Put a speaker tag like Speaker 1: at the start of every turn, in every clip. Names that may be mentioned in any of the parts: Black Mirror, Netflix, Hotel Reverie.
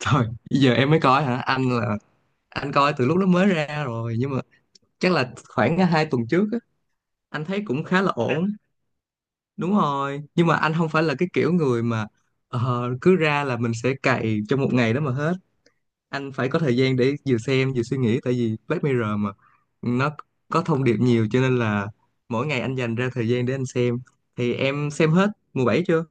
Speaker 1: Thôi, giờ em mới coi hả? Anh coi từ lúc nó mới ra rồi, nhưng mà chắc là khoảng hai tuần trước á, anh thấy cũng khá là ổn. Đúng rồi. Nhưng mà anh không phải là cái kiểu người mà cứ ra là mình sẽ cày trong một ngày đó mà hết. Anh phải có thời gian để vừa xem vừa suy nghĩ, tại vì Black Mirror mà nó có thông điệp nhiều, cho nên là mỗi ngày anh dành ra thời gian để anh xem. Thì em xem hết mùa bảy chưa?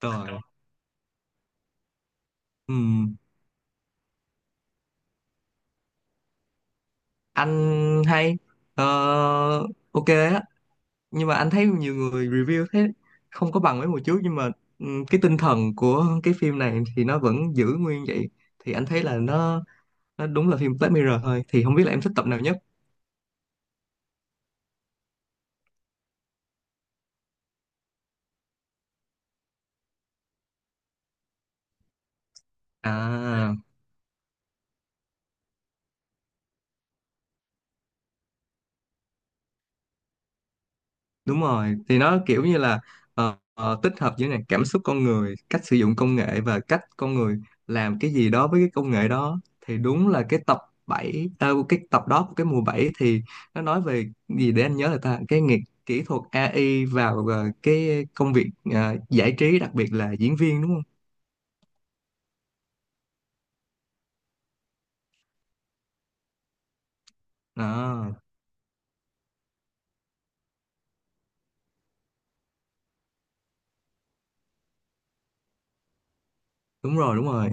Speaker 1: Rồi. Ừm, Anh hay Ờ, ok á, nhưng mà anh thấy nhiều người review thế không có bằng mấy mùa trước, nhưng mà cái tinh thần của cái phim này thì nó vẫn giữ nguyên vậy, thì anh thấy là nó đúng là phim Black Mirror thôi. Thì không biết là em thích tập nào nhất? À, đúng rồi, thì nó kiểu như là tích hợp giữa này cảm xúc con người, cách sử dụng công nghệ và cách con người làm cái gì đó với cái công nghệ đó. Thì đúng là cái tập bảy, cái tập đó của cái mùa 7 thì nó nói về gì để anh nhớ, là ta cái nghiệp kỹ thuật AI vào cái công việc giải trí, đặc biệt là diễn viên, đúng không? À, đúng rồi, đúng rồi.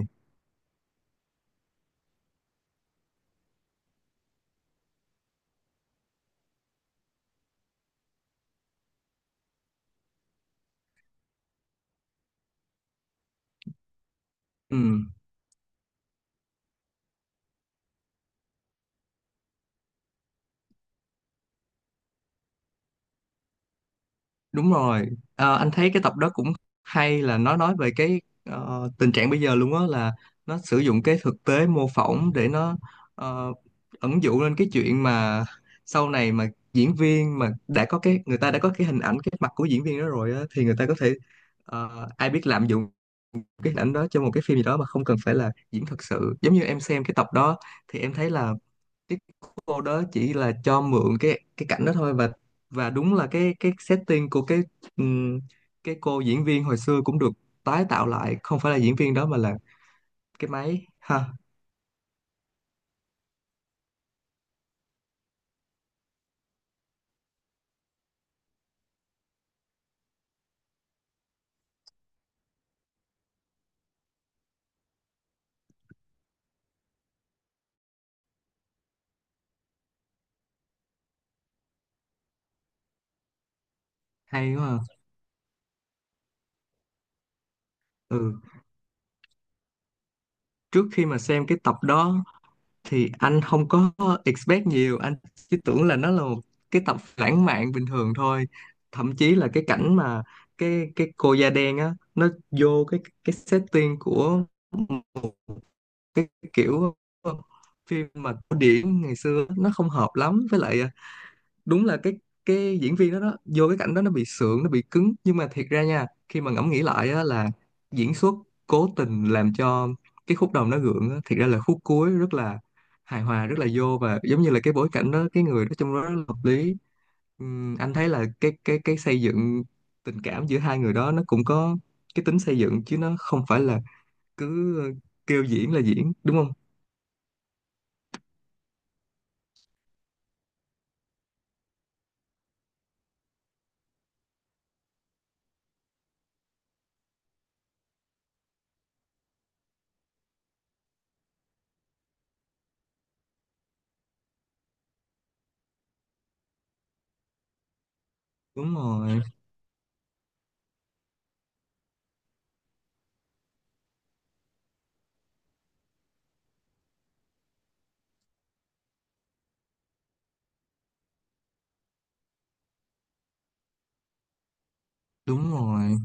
Speaker 1: Ừ. Đúng rồi. Ờ, anh thấy cái tập đó cũng hay, là nó nói về cái tình trạng bây giờ luôn á, là nó sử dụng cái thực tế mô phỏng để nó ờ, ẩn dụ lên cái chuyện mà sau này mà diễn viên mà đã có cái người ta đã có cái hình ảnh cái mặt của diễn viên đó rồi á, thì người ta có thể ai biết lạm dụng cái hình ảnh đó cho một cái phim gì đó mà không cần phải là diễn thật sự. Giống như em xem cái tập đó thì em thấy là cái cô đó chỉ là cho mượn cái cảnh đó thôi, và đúng là cái setting của ừm, cái cô diễn viên hồi xưa cũng được tái tạo lại, không phải là diễn viên đó mà là cái máy ha. Hay quá ha. Ừ, trước khi mà xem cái tập đó thì anh không có expect nhiều, anh chỉ tưởng là nó là một cái tập lãng mạn bình thường thôi. Thậm chí là cái cảnh mà cái cô da đen á nó vô cái setting của cái kiểu ờ, phim mà cổ điển ngày xưa, nó không hợp lắm với lại đúng là cái diễn viên đó đó vô cái cảnh đó nó bị sượng, nó bị cứng, nhưng mà thiệt ra nha, khi mà ngẫm nghĩ lại á, là diễn xuất cố tình làm cho cái khúc đầu nó gượng á, thiệt ra là khúc cuối rất là hài hòa, rất là vô, và giống như là cái bối cảnh đó cái người đó trong đó rất là hợp lý. Anh thấy là cái xây dựng tình cảm giữa hai người đó nó cũng có cái tính xây dựng, chứ nó không phải là cứ kêu diễn là diễn, đúng không? Đúng rồi, đúng rồi.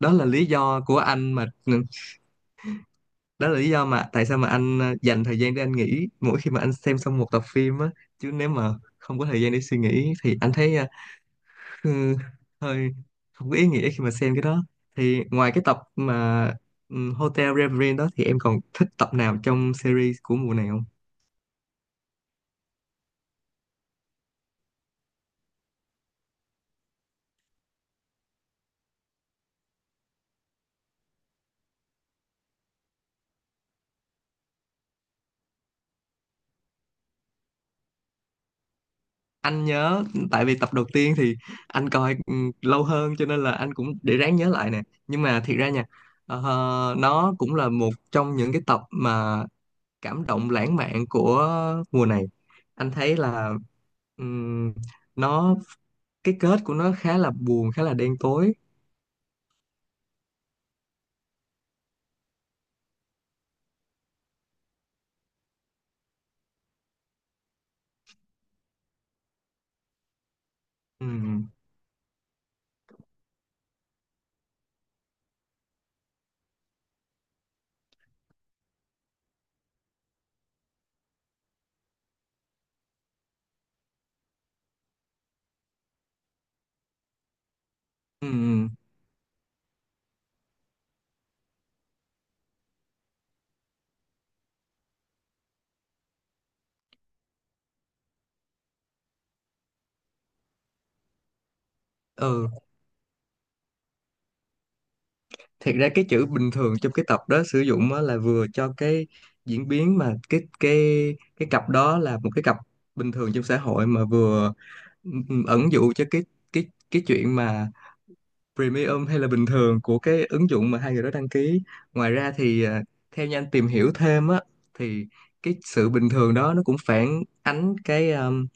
Speaker 1: Đó là lý do của anh mà, đó là lý do mà tại sao mà anh dành thời gian để anh nghĩ mỗi khi mà anh xem xong một tập phim á. Chứ nếu mà không có thời gian để suy nghĩ thì anh thấy ừ, hơi không có ý nghĩa khi mà xem cái đó. Thì ngoài cái tập mà Hotel Reverie đó thì em còn thích tập nào trong series của mùa nào? Anh nhớ, tại vì tập đầu tiên thì anh coi lâu hơn, cho nên là anh cũng để ráng nhớ lại nè. Nhưng mà thiệt ra nha, ờ, nó cũng là một trong những cái tập mà cảm động lãng mạn của mùa này. Anh thấy là ừm, nó cái kết của nó khá là buồn, khá là đen tối. Ừm, ừ. Ừ, thiệt ra cái chữ bình thường trong cái tập đó sử dụng á là vừa cho cái diễn biến mà cái cặp đó là một cái cặp bình thường trong xã hội, mà vừa ẩn dụ cho cái chuyện mà premium hay là bình thường của cái ứng dụng mà hai người đó đăng ký. Ngoài ra thì à, theo như anh tìm hiểu thêm á thì cái sự bình thường đó nó cũng phản ánh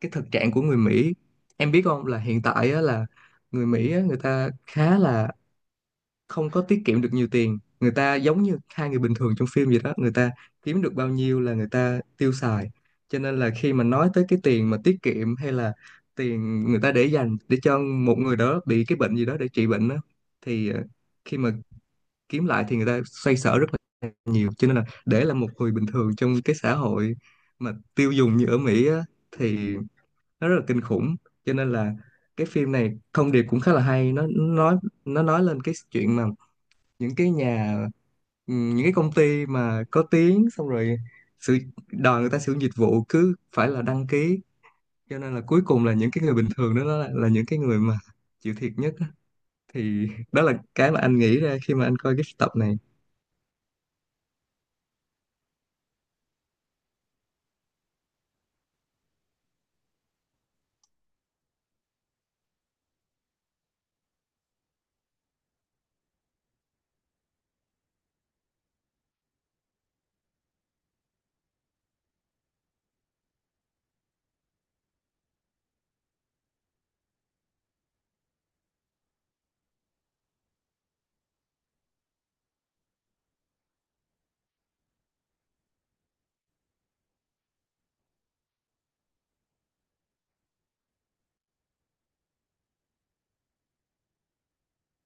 Speaker 1: cái thực trạng của người Mỹ. Em biết không, là hiện tại á là người Mỹ á, người ta khá là không có tiết kiệm được nhiều tiền, người ta giống như hai người bình thường trong phim vậy đó, người ta kiếm được bao nhiêu là người ta tiêu xài. Cho nên là khi mà nói tới cái tiền mà tiết kiệm, hay là tiền người ta để dành để cho một người đó bị cái bệnh gì đó để trị bệnh đó, thì khi mà kiếm lại thì người ta xoay sở rất là nhiều. Cho nên là để là một người bình thường trong cái xã hội mà tiêu dùng như ở Mỹ á, thì nó rất là kinh khủng. Cho nên là cái phim này thông điệp cũng khá là hay, nó nói lên cái chuyện mà những cái nhà những cái công ty mà có tiếng, xong rồi sự đòi người ta sử dụng dịch vụ cứ phải là đăng ký, cho nên là cuối cùng là những cái người bình thường đó, là những cái người mà chịu thiệt nhất á. Thì đó là cái mà anh nghĩ ra khi mà anh coi cái tập này.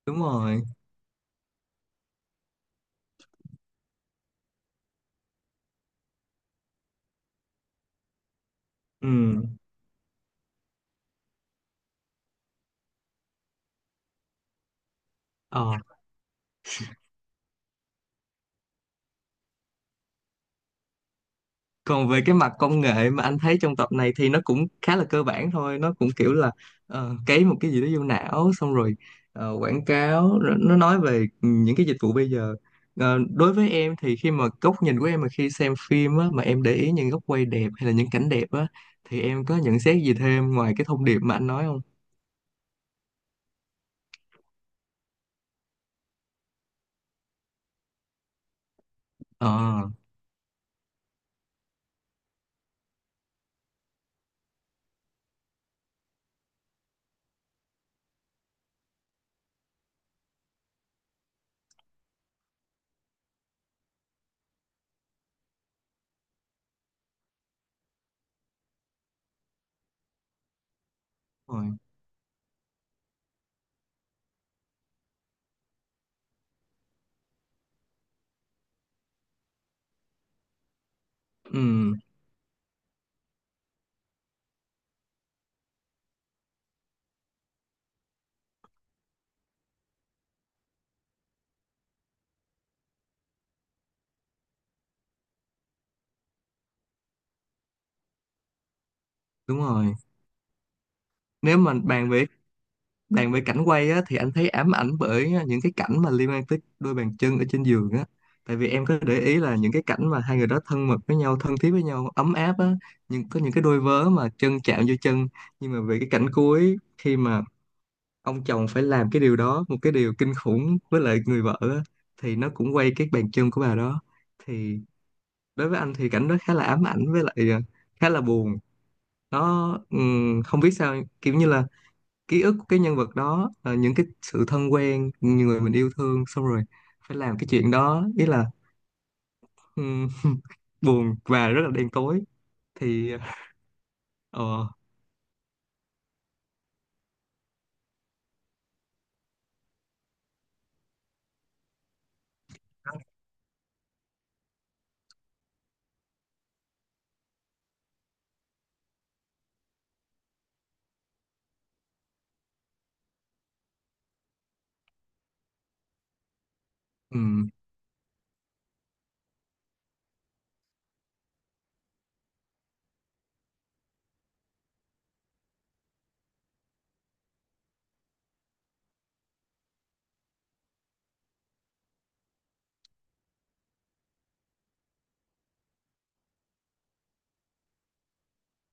Speaker 1: Đúng rồi. Ừ. Ờ, còn về cái mặt công nghệ mà anh thấy trong tập này thì nó cũng khá là cơ bản thôi, nó cũng kiểu là cấy một cái gì đó vô não, xong rồi quảng cáo, rồi nó nói về những cái dịch vụ bây giờ. Ờ, đối với em thì khi mà góc nhìn của em mà khi xem phim á, mà em để ý những góc quay đẹp hay là những cảnh đẹp á, thì em có nhận xét gì thêm ngoài cái thông điệp mà anh nói không? Ờ, đúng rồi. Ừ, đúng rồi. Nếu mà bàn về cảnh quay á, thì anh thấy ám ảnh bởi những cái cảnh mà liên quan tới đôi bàn chân ở trên giường á. Tại vì em có để ý là những cái cảnh mà hai người đó thân mật với nhau, thân thiết với nhau, ấm áp á, nhưng có những cái đôi vớ mà chân chạm vô chân. Nhưng mà về cái cảnh cuối, khi mà ông chồng phải làm cái điều đó, một cái điều kinh khủng với lại người vợ á, thì nó cũng quay cái bàn chân của bà đó. Thì đối với anh thì cảnh đó khá là ám ảnh, với lại khá là buồn. Nó không biết sao kiểu như là ký ức của cái nhân vật đó, những cái sự thân quen, những người mình yêu thương, xong rồi phải làm cái chuyện đó, ý là ừm, buồn và rất là đen tối. Thì ờ ừm,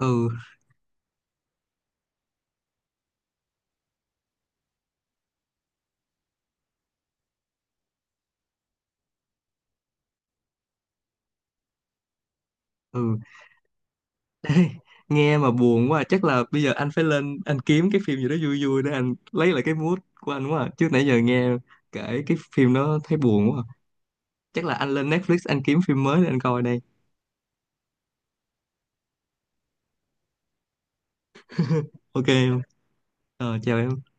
Speaker 1: ừ ừ Ê, nghe mà buồn quá à. Chắc là bây giờ anh phải lên anh kiếm cái phim gì đó vui vui để anh lấy lại cái mood của anh quá à. Chứ nãy giờ nghe kể cái phim đó thấy buồn quá à. Chắc là anh lên Netflix anh kiếm phim mới để anh coi đây. Ok không? Ờ, chào em.